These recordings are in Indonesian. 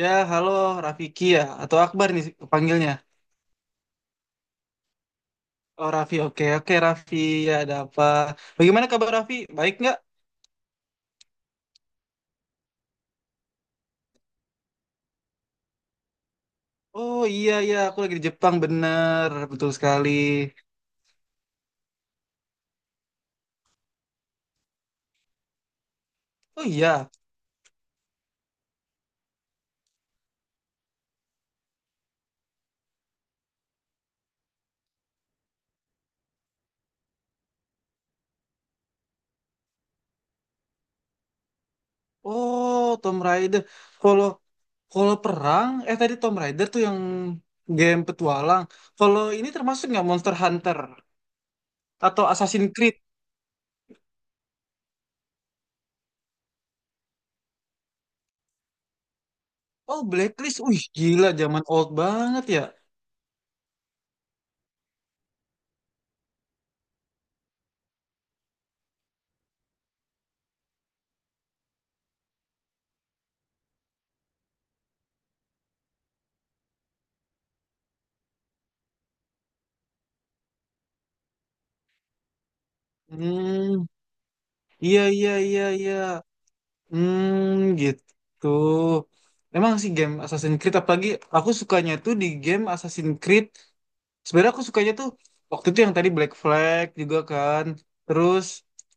Ya, halo Rafiki ya, atau Akbar nih panggilnya. Oh Raffi, oke oke Raffi, ya ada apa? Bagaimana kabar Raffi? Baik nggak? Oh iya iya, aku lagi di Jepang bener, betul sekali. Oh iya, oh Tom Raider. Kalau kalau perang, tadi Tom Raider tuh yang game petualang. Kalau ini termasuk nggak Monster Hunter atau Assassin's Creed? Oh Blacklist, wih gila, zaman old banget ya. Hmm, iya iya iya iya. Hmm, gitu. Emang sih game Assassin's Creed, apalagi aku sukanya tuh di game Assassin's Creed. Sebenarnya aku sukanya tuh waktu itu yang tadi Black Flag juga kan. Terus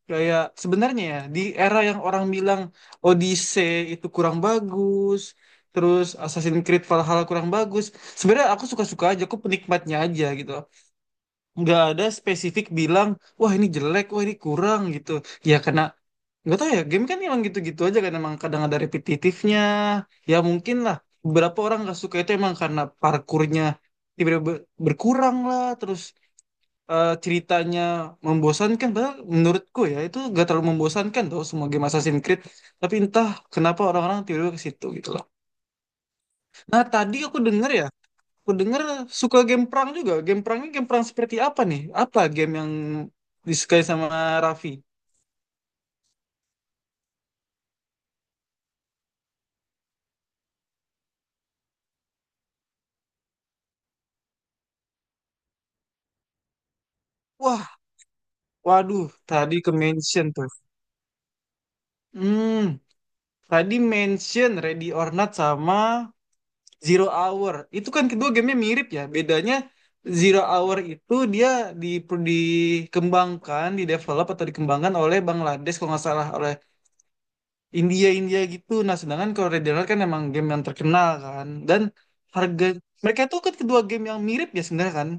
kayak sebenarnya ya di era yang orang bilang Odyssey itu kurang bagus, terus Assassin's Creed Valhalla kurang bagus. Sebenarnya aku suka-suka aja, aku penikmatnya aja gitu. Nggak ada spesifik bilang, wah ini jelek, wah ini kurang gitu. Ya karena nggak tahu ya, game kan emang gitu-gitu aja kan, emang kadang ada repetitifnya. Ya mungkin lah, beberapa orang nggak suka itu emang karena parkurnya tiba-tiba berkurang lah, terus ceritanya membosankan. Padahal menurutku ya itu nggak terlalu membosankan tuh semua game Assassin's Creed. Tapi entah kenapa orang-orang tiba-tiba ke situ gitu loh. Nah tadi aku denger ya, aku denger suka game perang juga. Game perangnya game perang seperti apa nih? Apa game yang disukai sama Raffi? Wah, waduh, tadi ke mention tuh. Hmm, Tadi mention Ready or Not sama Zero Hour. Itu kan kedua gamenya mirip ya. Bedanya Zero Hour itu dia di, dikembangkan, didevelop atau dikembangkan oleh Bangladesh kalau nggak salah, oleh India India gitu. Nah, sedangkan kalau Ready or Not kan emang game yang terkenal kan. Dan harga mereka itu kan kedua game yang mirip ya sebenarnya kan.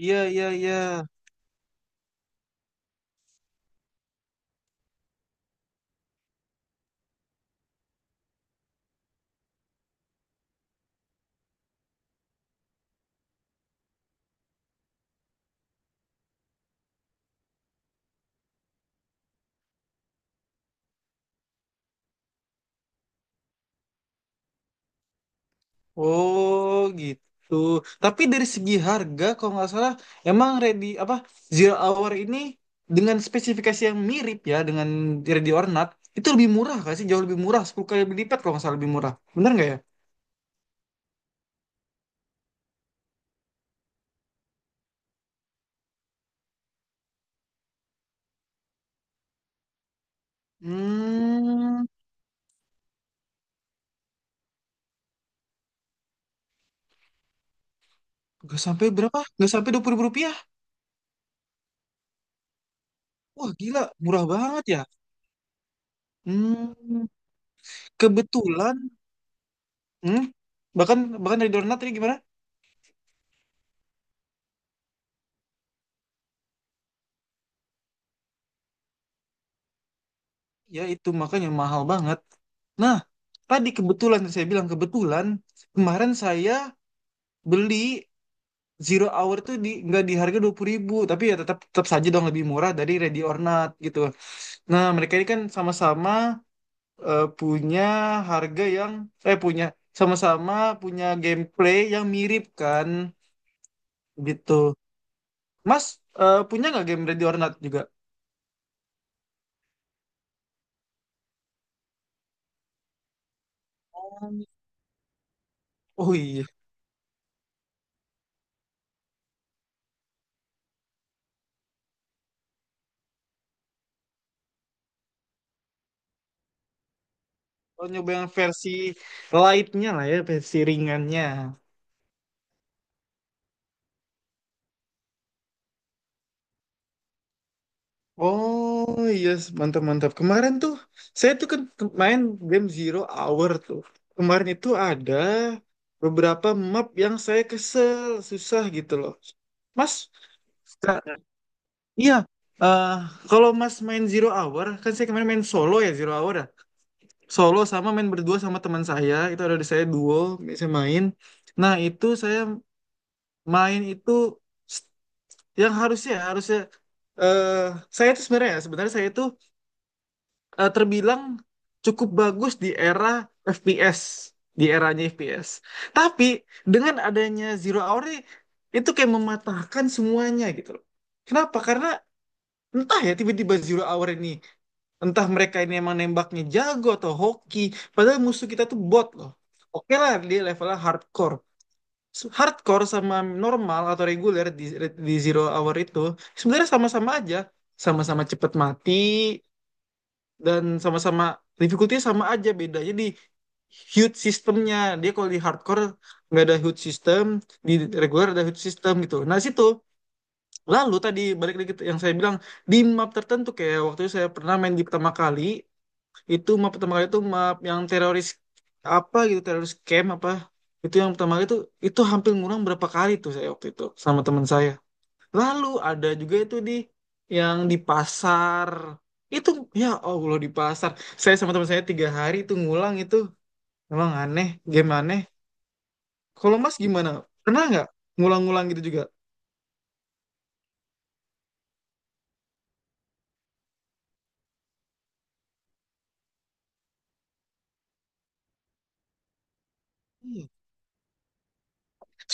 Iya iya iya. Oh gitu. Tapi dari segi harga, kalau nggak salah, emang ready apa Zero Hour ini dengan spesifikasi yang mirip ya dengan Ready or Not, itu lebih murah nggak sih? Jauh lebih murah, 10 kali lipat kalau nggak salah lebih murah. Bener nggak ya? Hmm, nggak sampai berapa? Nggak sampai 20.000 rupiah? Wah gila, murah banget ya. Hmm, kebetulan, hmm, bahkan bahkan Ready or Not ini gimana? Ya itu makanya mahal banget. Nah, tadi kebetulan saya bilang, kebetulan kemarin saya beli Zero Hour tuh di nggak di harga 20.000, tapi ya tetap tetap saja dong lebih murah dari Ready or Not gitu. Nah, mereka ini kan sama-sama punya harga yang punya sama-sama punya gameplay yang mirip kan gitu. Mas, punya nggak game Ready or Not juga? Oh iya, oh nyoba yang versi lightnya lah ya, versi ringannya. Oh iya, yes. Mantap mantap. Kemarin tuh saya tuh kan main game Zero Hour tuh. Kemarin itu ada beberapa map yang saya kesel, susah gitu loh. Mas, Kak, iya. eh kalau Mas main Zero Hour, kan saya kemarin main solo ya Zero Hour ya. Solo sama main berdua sama teman saya, itu ada di saya duo, saya main. Nah, itu saya main itu s- yang harusnya, eh saya itu sebenarnya ya, sebenarnya saya itu terbilang cukup bagus di era FPS, di eranya FPS. Tapi dengan adanya Zero Hour ini, itu kayak mematahkan semuanya gitu loh. Kenapa? Karena entah ya tiba-tiba Zero Hour ini, entah mereka ini emang nembaknya jago atau hoki, padahal musuh kita tuh bot loh. Oke lah dia levelnya hardcore. Hardcore sama normal atau reguler di Zero Hour itu sebenarnya sama-sama aja. Sama-sama cepet mati, dan sama-sama difficulty sama aja, bedanya di hud sistemnya dia. Kalau di hardcore nggak ada hud system, di regular ada hud system gitu. Nah situ, lalu tadi balik lagi yang saya bilang di map tertentu, kayak waktu itu saya pernah main di pertama kali. Itu map pertama kali, itu map yang teroris apa gitu, teroris camp apa itu yang pertama kali itu hampir ngurang berapa kali tuh saya waktu itu sama teman saya. Lalu ada juga itu di yang di pasar. Itu ya Allah di pasar. Saya sama teman saya tiga hari itu ngulang itu. Emang aneh, game aneh. Kalau Mas gimana? Pernah nggak ngulang-ngulang gitu juga? Hmm.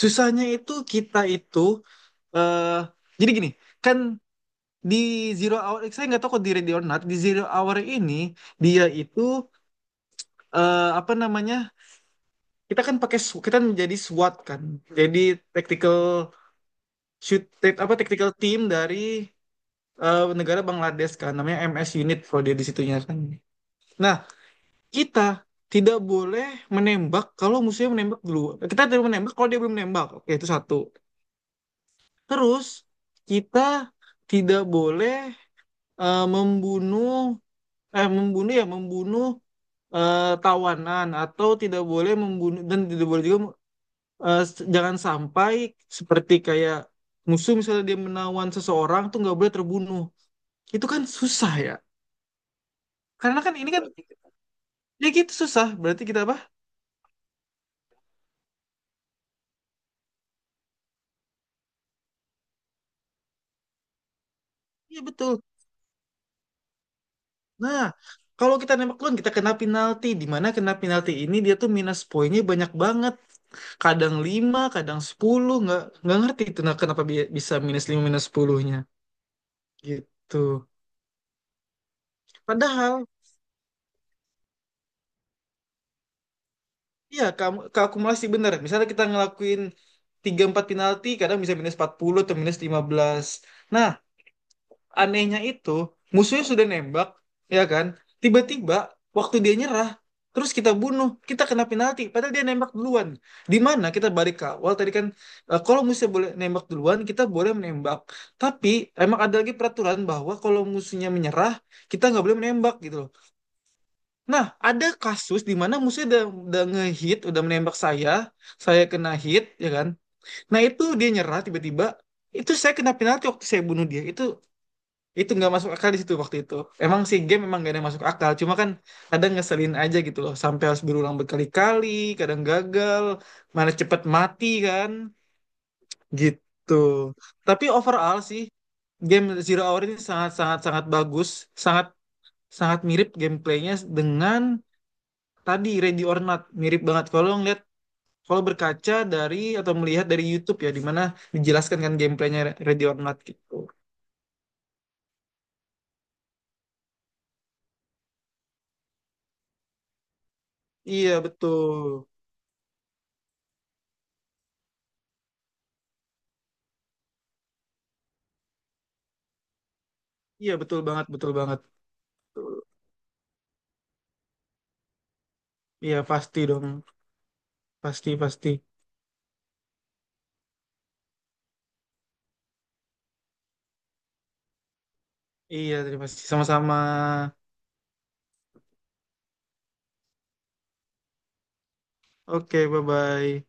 Susahnya itu kita itu eh jadi gini, kan di Zero Hour saya nggak tahu kok di Ready or Not, di Zero Hour ini dia itu apa namanya? Kita kan pakai kita menjadi SWAT kan. Jadi tactical shoot apa tactical team dari negara Bangladesh kan namanya MS Unit kalau dia di situnya kan. Nah, kita tidak boleh menembak kalau musuhnya menembak dulu. Kita tidak menembak kalau dia belum menembak. Oke, itu satu. Terus kita tidak boleh membunuh, membunuh ya membunuh tawanan, atau tidak boleh membunuh, dan tidak boleh juga jangan sampai seperti kayak musuh misalnya dia menawan seseorang tuh nggak boleh terbunuh. Itu kan susah ya. Karena kan ini kan, ya gitu susah. Berarti kita apa? Iya betul. Nah, kalau kita nembak duluan kita kena penalti. Di mana kena penalti ini dia tuh minus poinnya banyak banget. Kadang 5, kadang 10. Nggak ngerti itu nah, kenapa bisa minus 5 minus 10-nya. Gitu. Padahal, iya kamu keakumulasi bener. Misalnya kita ngelakuin 3 4 penalti, kadang bisa minus 40 atau minus 15. Nah, anehnya itu musuhnya sudah nembak ya kan, tiba-tiba waktu dia nyerah terus kita bunuh kita kena penalti, padahal dia nembak duluan. Di mana kita balik ke awal tadi kan, kalau musuhnya boleh nembak duluan kita boleh menembak, tapi emang ada lagi peraturan bahwa kalau musuhnya menyerah kita nggak boleh menembak gitu loh. Nah ada kasus di mana musuhnya udah ngehit, udah menembak saya kena hit ya kan. Nah itu dia nyerah tiba-tiba, itu saya kena penalti waktu saya bunuh dia. Itu nggak masuk akal di situ waktu itu. Emang sih game memang gak ada yang masuk akal, cuma kan kadang ngeselin aja gitu loh, sampai harus berulang berkali-kali, kadang gagal, mana cepet mati kan, gitu. Tapi overall sih game Zero Hour ini sangat-sangat sangat bagus, sangat sangat mirip gameplaynya dengan tadi Ready or Not, mirip banget kalau ngeliat, kalau berkaca dari atau melihat dari YouTube ya, di mana dijelaskan kan gameplaynya Ready or Not gitu. Iya betul, iya betul banget, betul banget. Iya pasti dong, pasti pasti. Iya terima kasih sama-sama. Oke, bye bye.